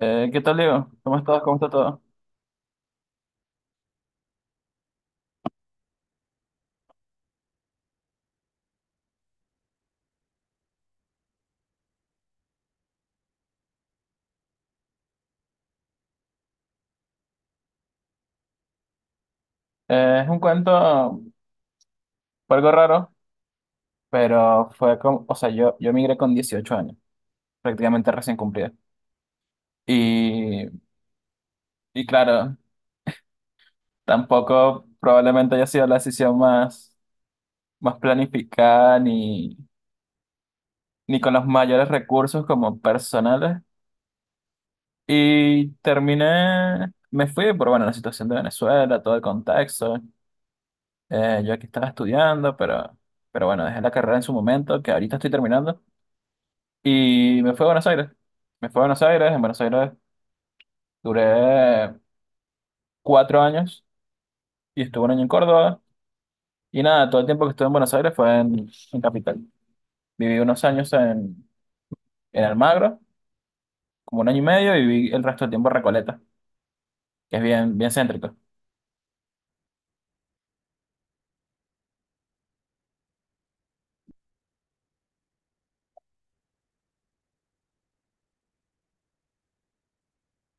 ¿Qué tal, Diego? ¿Cómo estás? ¿Cómo está todo? Es un cuento, fue algo raro, pero fue como, o sea, yo migré con 18 años, prácticamente recién cumplida. Y, y claro, tampoco probablemente haya sido la decisión más planificada ni con los mayores recursos como personales. Y terminé, me fui por, bueno, la situación de Venezuela, todo el contexto. Yo aquí estaba estudiando, pero bueno, dejé la carrera en su momento, que ahorita estoy terminando. Y me fui a Buenos Aires. Me fui a Buenos Aires. En Buenos Aires duré 4 años y estuve un año en Córdoba. Y nada, todo el tiempo que estuve en Buenos Aires fue en Capital. Viví unos años en Almagro, como un año y medio, y viví el resto del tiempo en Recoleta, que es bien, bien céntrico.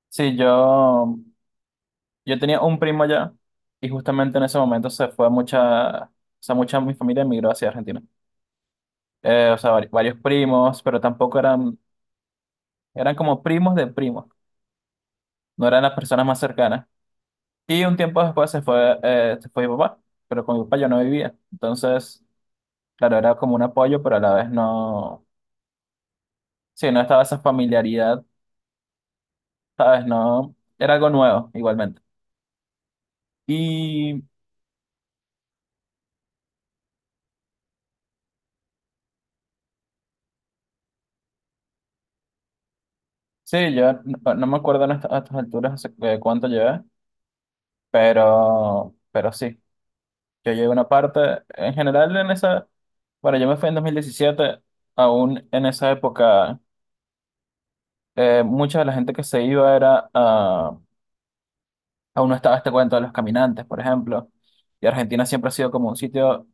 Sí, yo tenía un primo allá y justamente en ese momento se fue mucha, o sea, mucha de mi familia emigró hacia Argentina. O sea, varios primos, pero tampoco eran como primos de primos, no eran las personas más cercanas. Y un tiempo después se fue mi papá, pero con mi papá yo no vivía. Entonces, claro, era como un apoyo, pero a la vez no, sí, no estaba esa familiaridad, ¿sabes? No, era algo nuevo igualmente. Y sí, yo no me acuerdo en a estas alturas hace cuánto llevé, pero sí, yo llegué una parte, en general en esa, bueno, yo me fui en 2017 aún en esa época. Mucha de la gente que se iba era, aún no estaba este cuento de los caminantes, por ejemplo. Y Argentina siempre ha sido como un sitio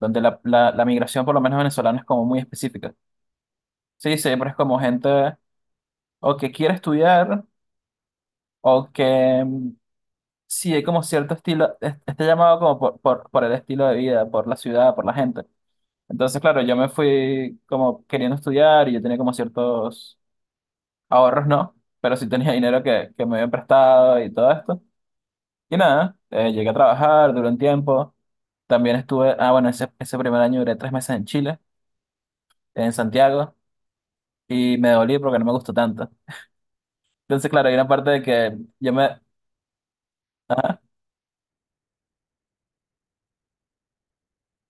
donde la migración, por lo menos venezolana, es como muy específica. Sí, siempre es como gente o que quiere estudiar o sí hay como cierto estilo, está llamado como por el estilo de vida, por la ciudad, por la gente. Entonces, claro, yo me fui como queriendo estudiar y yo tenía como ciertos ahorros, ¿no? Pero sí tenía dinero que me habían prestado y todo esto. Y nada, llegué a trabajar durante un tiempo. También estuve, ah, bueno, ese primer año duré 3 meses en Chile, en Santiago, y me devolví porque no me gustó tanto. Entonces, claro, hay una parte de que ajá,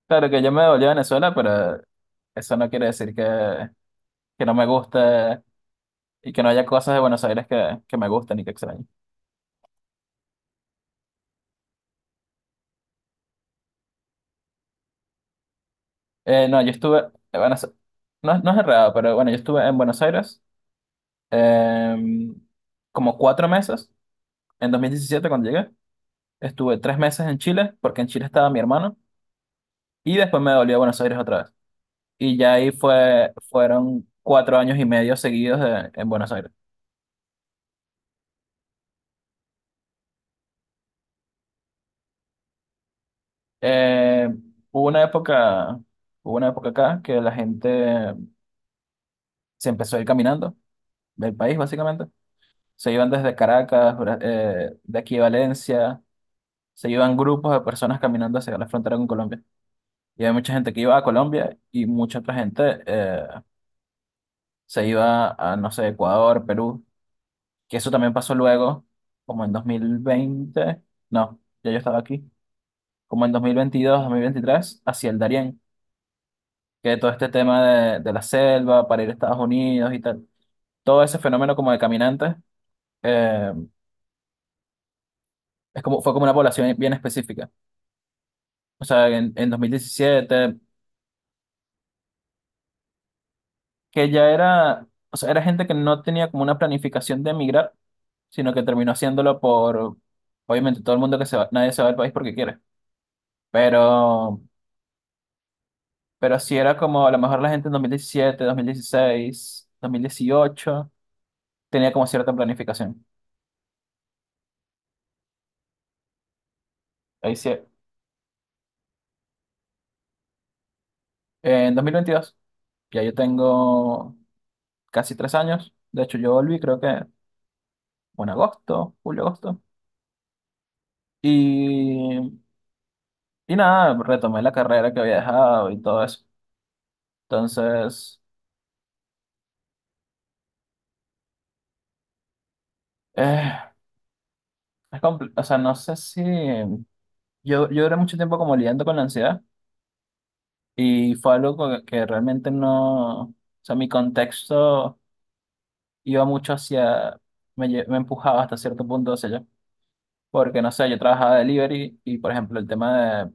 claro que yo me devolví a Venezuela, pero eso no quiere decir que no me gusta y que no haya cosas de Buenos Aires que me gustan y que extraño. No, yo estuve, bueno, no, no es errado, pero bueno, yo estuve en Buenos Aires, em, como 4 meses, en 2017 cuando llegué, estuve 3 meses en Chile, porque en Chile estaba mi hermano, y después me devolví a Buenos Aires otra vez. Y ya ahí fue, fueron 4 años y medio seguidos en Buenos Aires. Eh, hubo una época, hubo una época acá que la gente se empezó a ir caminando del país, básicamente. Se iban desde Caracas, de aquí a Valencia, se iban grupos de personas caminando hacia la frontera con Colombia. Y había mucha gente que iba a Colombia y mucha otra gente se iba a, no sé, Ecuador, Perú, que eso también pasó luego, como en 2020. No, ya yo estaba aquí. Como en 2022, 2023 hacia el Darién, que todo este tema de la selva para ir a Estados Unidos y tal. Todo ese fenómeno como de caminantes, eh, es como, fue como una población bien específica. O sea, en 2017, que ya era, o sea, era gente que no tenía como una planificación de emigrar, sino que terminó haciéndolo por, obviamente, todo el mundo que se va, nadie se va del país porque quiere. Pero, pero sí era como, a lo mejor la gente en dos mil diecisiete, 2016, 2018 tenía como cierta planificación. Ahí sí, en 2022 ya yo tengo casi 3 años. De hecho, yo volví creo que en agosto, julio, agosto. Y, y nada, retomé la carrera que había dejado y todo eso. Entonces, eh, es o sea, no sé si. Yo duré mucho tiempo como lidiando con la ansiedad y fue algo que realmente no. O sea, mi contexto iba mucho hacia. Me empujaba hasta cierto punto hacia allá. Porque, no sé, yo trabajaba de delivery y, por ejemplo, el tema de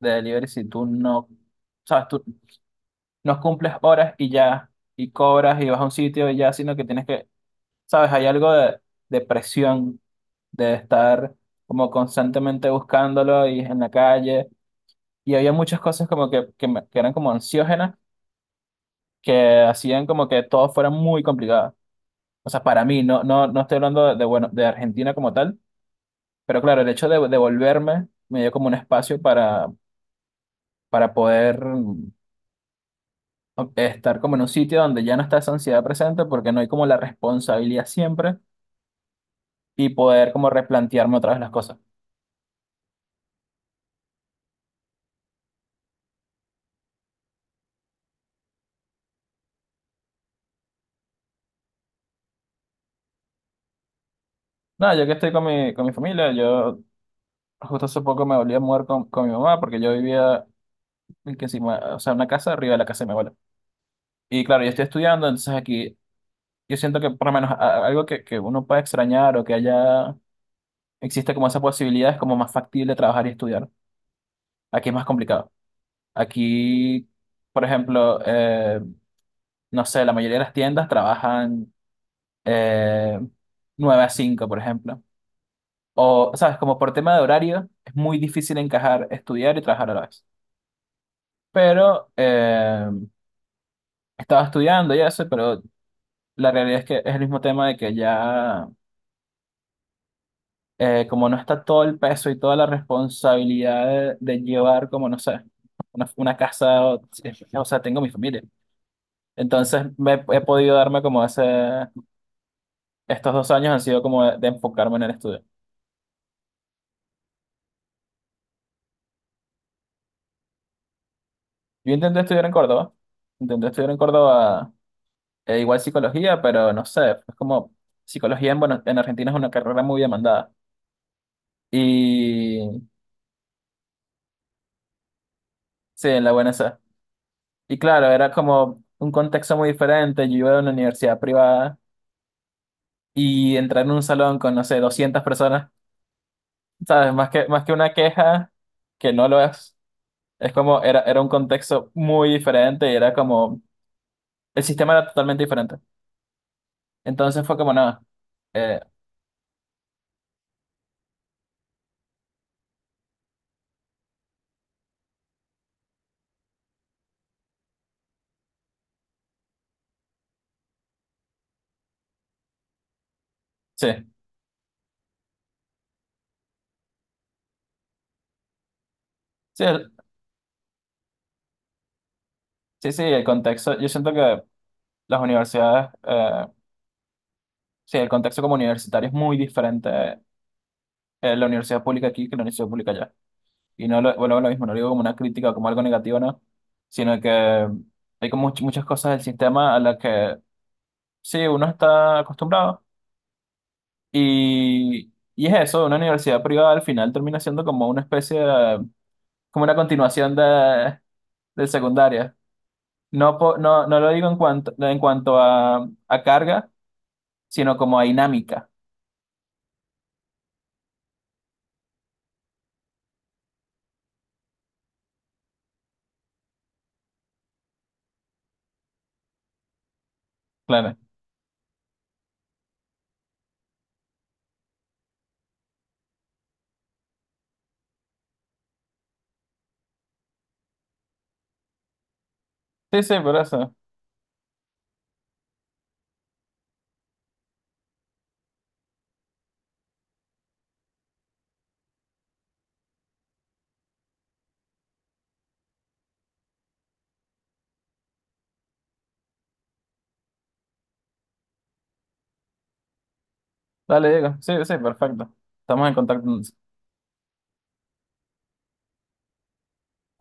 delivery, si tú no, sabes, tú no cumples horas y ya, y cobras y vas a un sitio y ya, sino que tienes que, sabes, hay algo de presión, de estar como constantemente buscándolo y en la calle. Y había muchas cosas como que, que eran como ansiógenas, que hacían como que todo fuera muy complicado. O sea, para mí, no, no, no estoy hablando de, bueno, de Argentina como tal, pero claro, el hecho de volverme me dio como un espacio para poder estar como en un sitio donde ya no está esa ansiedad presente porque no hay como la responsabilidad siempre y poder como replantearme otra vez las cosas. Nada, yo que estoy con mi familia, yo justo hace poco me volví a mudar con mi mamá porque yo vivía en que encima, o sea, una casa arriba de la casa de mi abuela. Y claro, yo estoy estudiando, entonces aquí yo siento que por lo menos algo que uno pueda extrañar o que haya, existe como esa posibilidad, es como más factible trabajar y estudiar. Aquí es más complicado. Aquí, por ejemplo, no sé, la mayoría de las tiendas trabajan, eh, 9 a 5 por ejemplo. O, sabes, como por tema de horario, es muy difícil encajar estudiar y trabajar a la vez. Pero estaba estudiando y eso, pero la realidad es que es el mismo tema de que ya, como no está todo el peso y toda la responsabilidad de llevar, como no sé, una casa, o sea, tengo mi familia. Entonces me, he podido darme como ese, estos 2 años han sido como de enfocarme en el estudio. Yo intenté estudiar en Córdoba. Igual psicología, pero no sé, es como psicología en, en Argentina es una carrera muy demandada. Y sí, en la UNC. Y claro, era como un contexto muy diferente. Yo iba a una universidad privada y entrar en un salón con, no sé, 200 personas, ¿sabes? Más que una queja, que no lo es como era, era un contexto muy diferente y era como, el sistema era totalmente diferente. Entonces fue como nada. eh, sí, sí, el- sí, sí, el contexto, yo siento que las universidades. Sí, el contexto como universitario es muy diferente, la universidad pública aquí que la universidad pública allá. Y no lo, vuelvo a lo mismo, no lo digo como una crítica o como algo negativo, no, sino que hay como muchas cosas del sistema a las que sí, uno está acostumbrado. Y es eso, una universidad privada al final termina siendo como una especie de, como una continuación del secundaria. No, no, no lo digo en cuanto a, carga, sino como a dinámica. Claro. Sí, sí, por eso. Dale, Diego. Sí, sí, perfecto. Estamos en contacto.